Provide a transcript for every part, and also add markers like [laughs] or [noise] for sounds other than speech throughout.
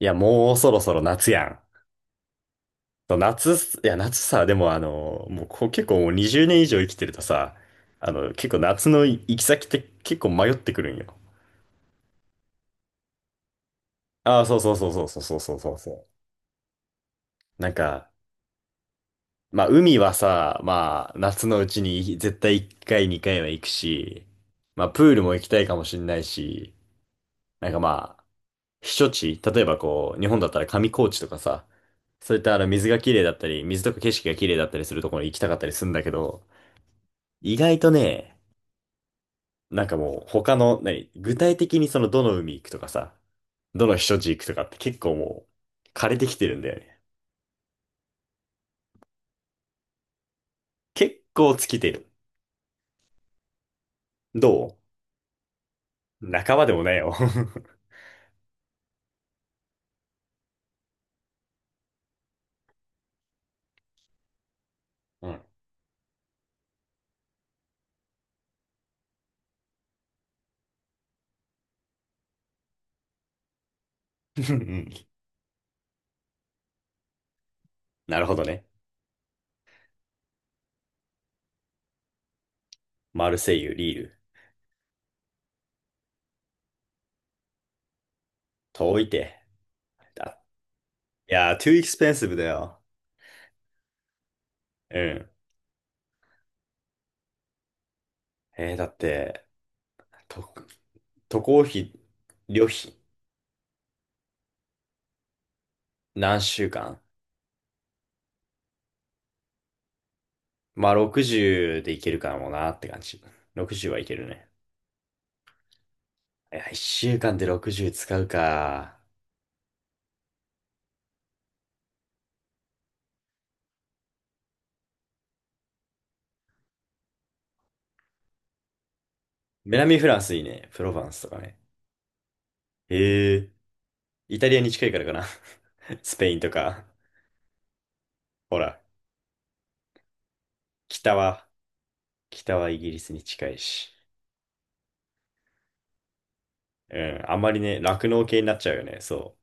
いや、もうそろそろ夏やん。そう夏、いや、夏さ、でも、もうこう結構もう20年以上生きてるとさ、結構夏の行き先って結構迷ってくるんよ。ああ、そうそうそうそうそうそうそうそうそう。まあ海はさ、まあ夏のうちに絶対1回2回は行くし、まあプールも行きたいかもしんないし、なんかまあ、避暑地、例えばこう、日本だったら上高地とかさ、そういった水が綺麗だったり、水とか景色が綺麗だったりするところに行きたかったりするんだけど、意外とね、もう他の、何、具体的にそのどの海行くとかさ、どの避暑地行くとかって結構、もう枯れてきてるんだよね。結構尽きてる。どう仲間でもないよ。[laughs] うん。[laughs] うん、なるほどね。マルセイユ、リール。遠いて。だいやー、too expensive だよ。うん。だって、と、渡航費、旅費、何週間、まあ60で行けるかもなって感じ。60はいけるね。いや、一週間で60使うか。南フランスいいね。プロヴァンスとかね。へえ。イタリアに近いからかな。[laughs] スペインとか。ほら、北は、北はイギリスに近いし。うん、あんまりね、酪農系になっちゃうよね。そ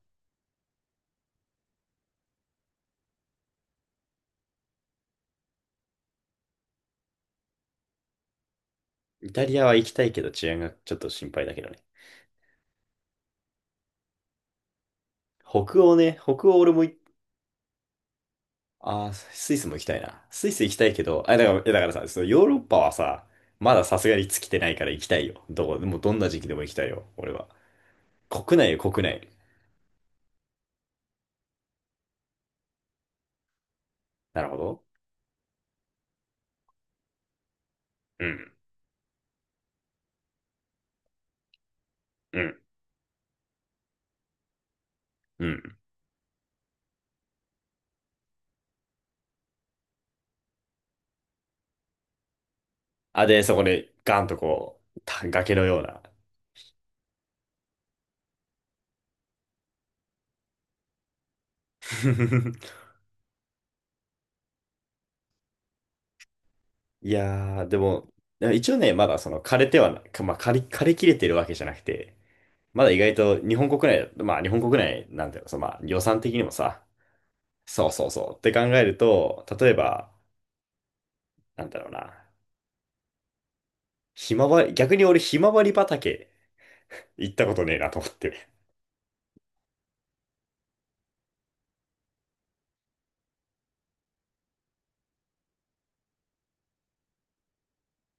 う。イタリアは行きたいけど治安がちょっと心配だけどね。北欧ね、北欧俺も、あー、スイスも行きたいな。スイス行きたいけど、あ、だから、いやだからさ、そのヨーロッパはさ、まださすがに尽きてないから行きたいよ。どこ、もうどんな時期でも行きたいよ、俺は。国内よ、国内。なるほど。うん、うん、うん。あ、で、そこでガンとこう、崖のような。[laughs] いやー、でも、一応ね、まだその枯れてはな、かまあ、枯れ切れてるわけじゃなくて、まだ意外と日本国内まあ日本国内なんだよ、そのまあ予算的にもさ、そうそうそう、って考えると、例えば、なんだろうな、ひまわり、逆に俺ひまわり畑行ったことねえなと思って。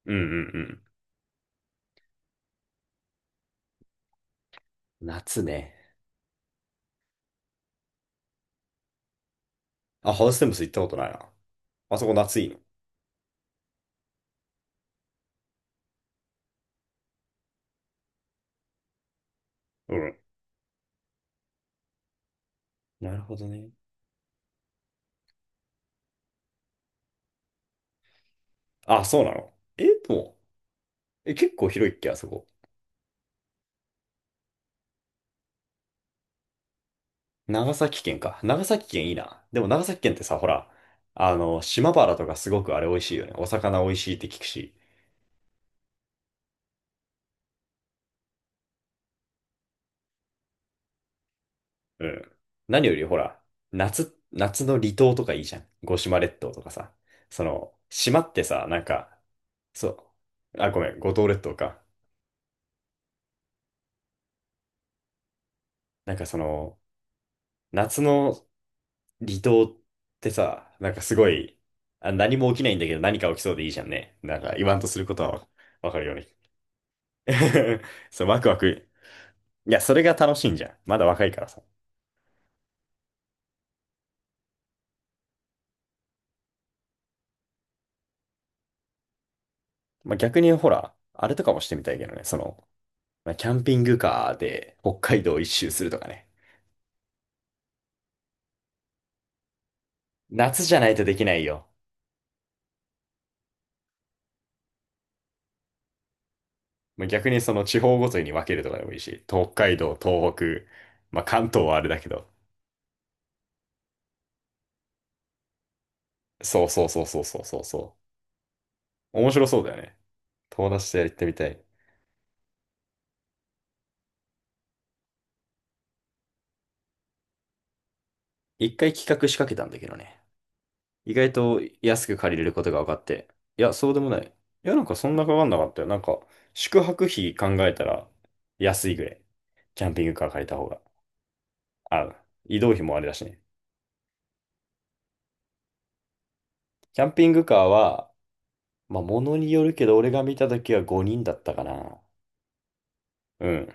うんうんうん。夏ね。あ、ハウステンボス行ったことないな。あそこ夏いいの。うん。なるほどね。あ、そうなの、え、でも、え、結構広いっけ、あそこ。長崎県か。長崎県いいな。でも長崎県ってさ、ほら、島原とかすごくあれ美味しいよね。お魚美味しいって聞くし。うん。何よりほら、夏の離島とかいいじゃん。五島列島とかさ。その、島ってさ、なんか、そう。あ、ごめん、五島列島か。なんかその、夏の離島ってさ、なんかすごい、あ、何も起きないんだけど何か起きそうでいいじゃんね。なんか言わんとすることはわかるよね。[laughs] そう、ワクワク。いや、それが楽しいんじゃん。まだ若いからさ。逆にほら、あれとかもしてみたいけどね。その、まあ、キャンピングカーで北海道一周するとかね。夏じゃないとできないよ。まあ、逆にその地方ごとに分けるとかでもいいし、北海道、東北、まあ、関東はあれだけど。そうそうそうそうそうそうそう。面白そうだよね。友達とやってみたい。一回企画仕掛けたんだけどね。意外と安く借りれることが分かって。いや、そうでもない。いや、そんなかかんなかったよ。宿泊費考えたら安いぐらい。キャンピングカー借りた方が。あ、移動費もあれだしね。キャンピングカーは、まあ、ものによるけど、俺が見た時は5人だったかな。うん。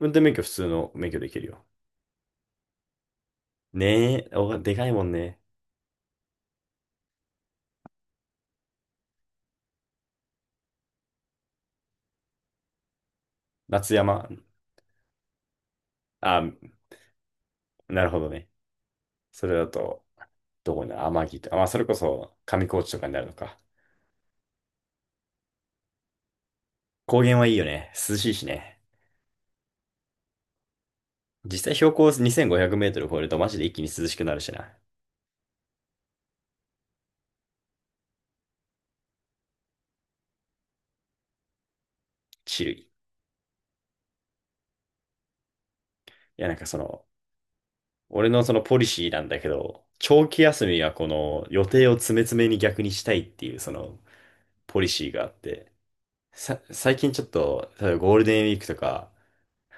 運転免許普通の免許できるよ。ねえ、お、でかいもんね。夏山。あ、なるほどね。それだと、どこに、天城とか、まあ、それこそ上高地とかになるのか。高原はいいよね。涼しいしね。実際標高2500メートル超えるとマジで一気に涼しくなるしな。チルい。いや、なんかその、俺のそのポリシーなんだけど、長期休みはこの予定を詰め詰めに逆にしたいっていうそのポリシーがあって、さ、最近ちょっと、例えばゴールデンウィークとか、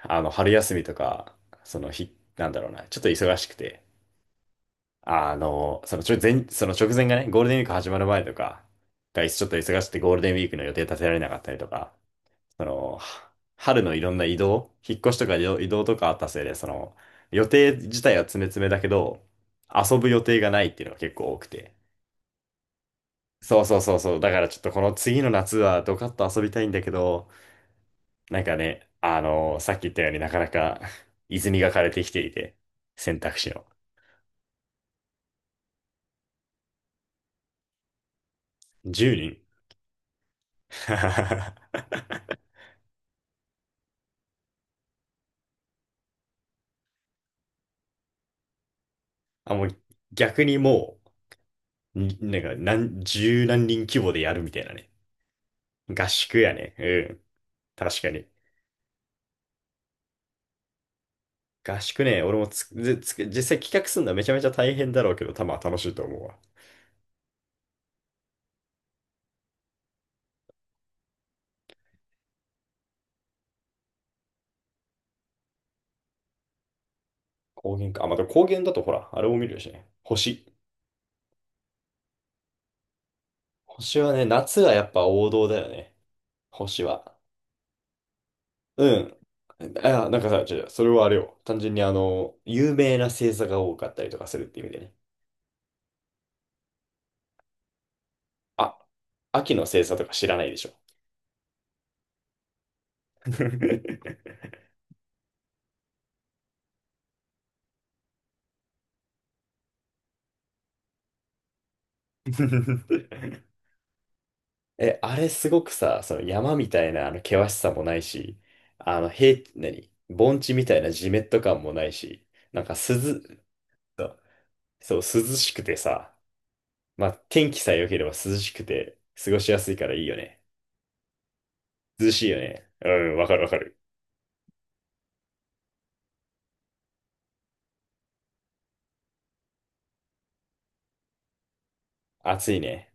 春休みとか、その日、なんだろうな、ちょっと忙しくて、そのちょ前、その直前がね、ゴールデンウィーク始まる前とか、がちょっと忙しくてゴールデンウィークの予定立てられなかったりとか、その、春のいろんな移動、引っ越しとか移動移動とかあったせいで、その、予定自体は詰め詰めだけど、遊ぶ予定がないっていうのが結構多くて。そうそうそうそう。だからちょっとこの次の夏はドカッと遊びたいんだけど、なんかね、さっき言ったようになかなか泉が枯れてきていて、選択肢の。10人 [laughs] あ、もう逆にもう、になんか何、十何人規模でやるみたいなね。合宿やね。うん。確かに。合宿ね、俺もつぜつ実際企画するのはめちゃめちゃ大変だろうけど、多分楽しいと思うわ。高原か。あ、また高原だとほら、あれも見れるしね。星。星はね、夏はやっぱ王道だよね。星は。うん。あ、なんかさ、違う違う、それはあれよ。単純に、有名な星座が多かったりとかするって意味でね。あ、秋の星座とか知らないでしょ。[laughs] え、あれすごくさ、その山みたいなあの険しさもないし、あの平、何盆地みたいなジメッと感もないし、なんか涼、そう、そう涼しくてさ、まあ天気さえ良ければ涼しくて過ごしやすいからいいよね。涼しいよね。うん、わかるわかる。暑いね。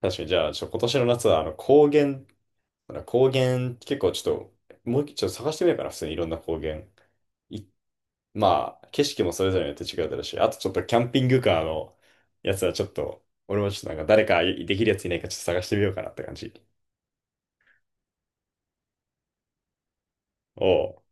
確かに、じゃあ、ちょ、今年の夏はあの高原、高原結構ちょっと、もう一回ちょっと探してみようかな、普通にいろんな高原。一まあ、景色もそれぞれによって違うだろうし、あとちょっとキャンピングカーのやつはちょっと、俺もちょっとなんか誰かできるやついないかちょっと探してみようかなって感じ。おう。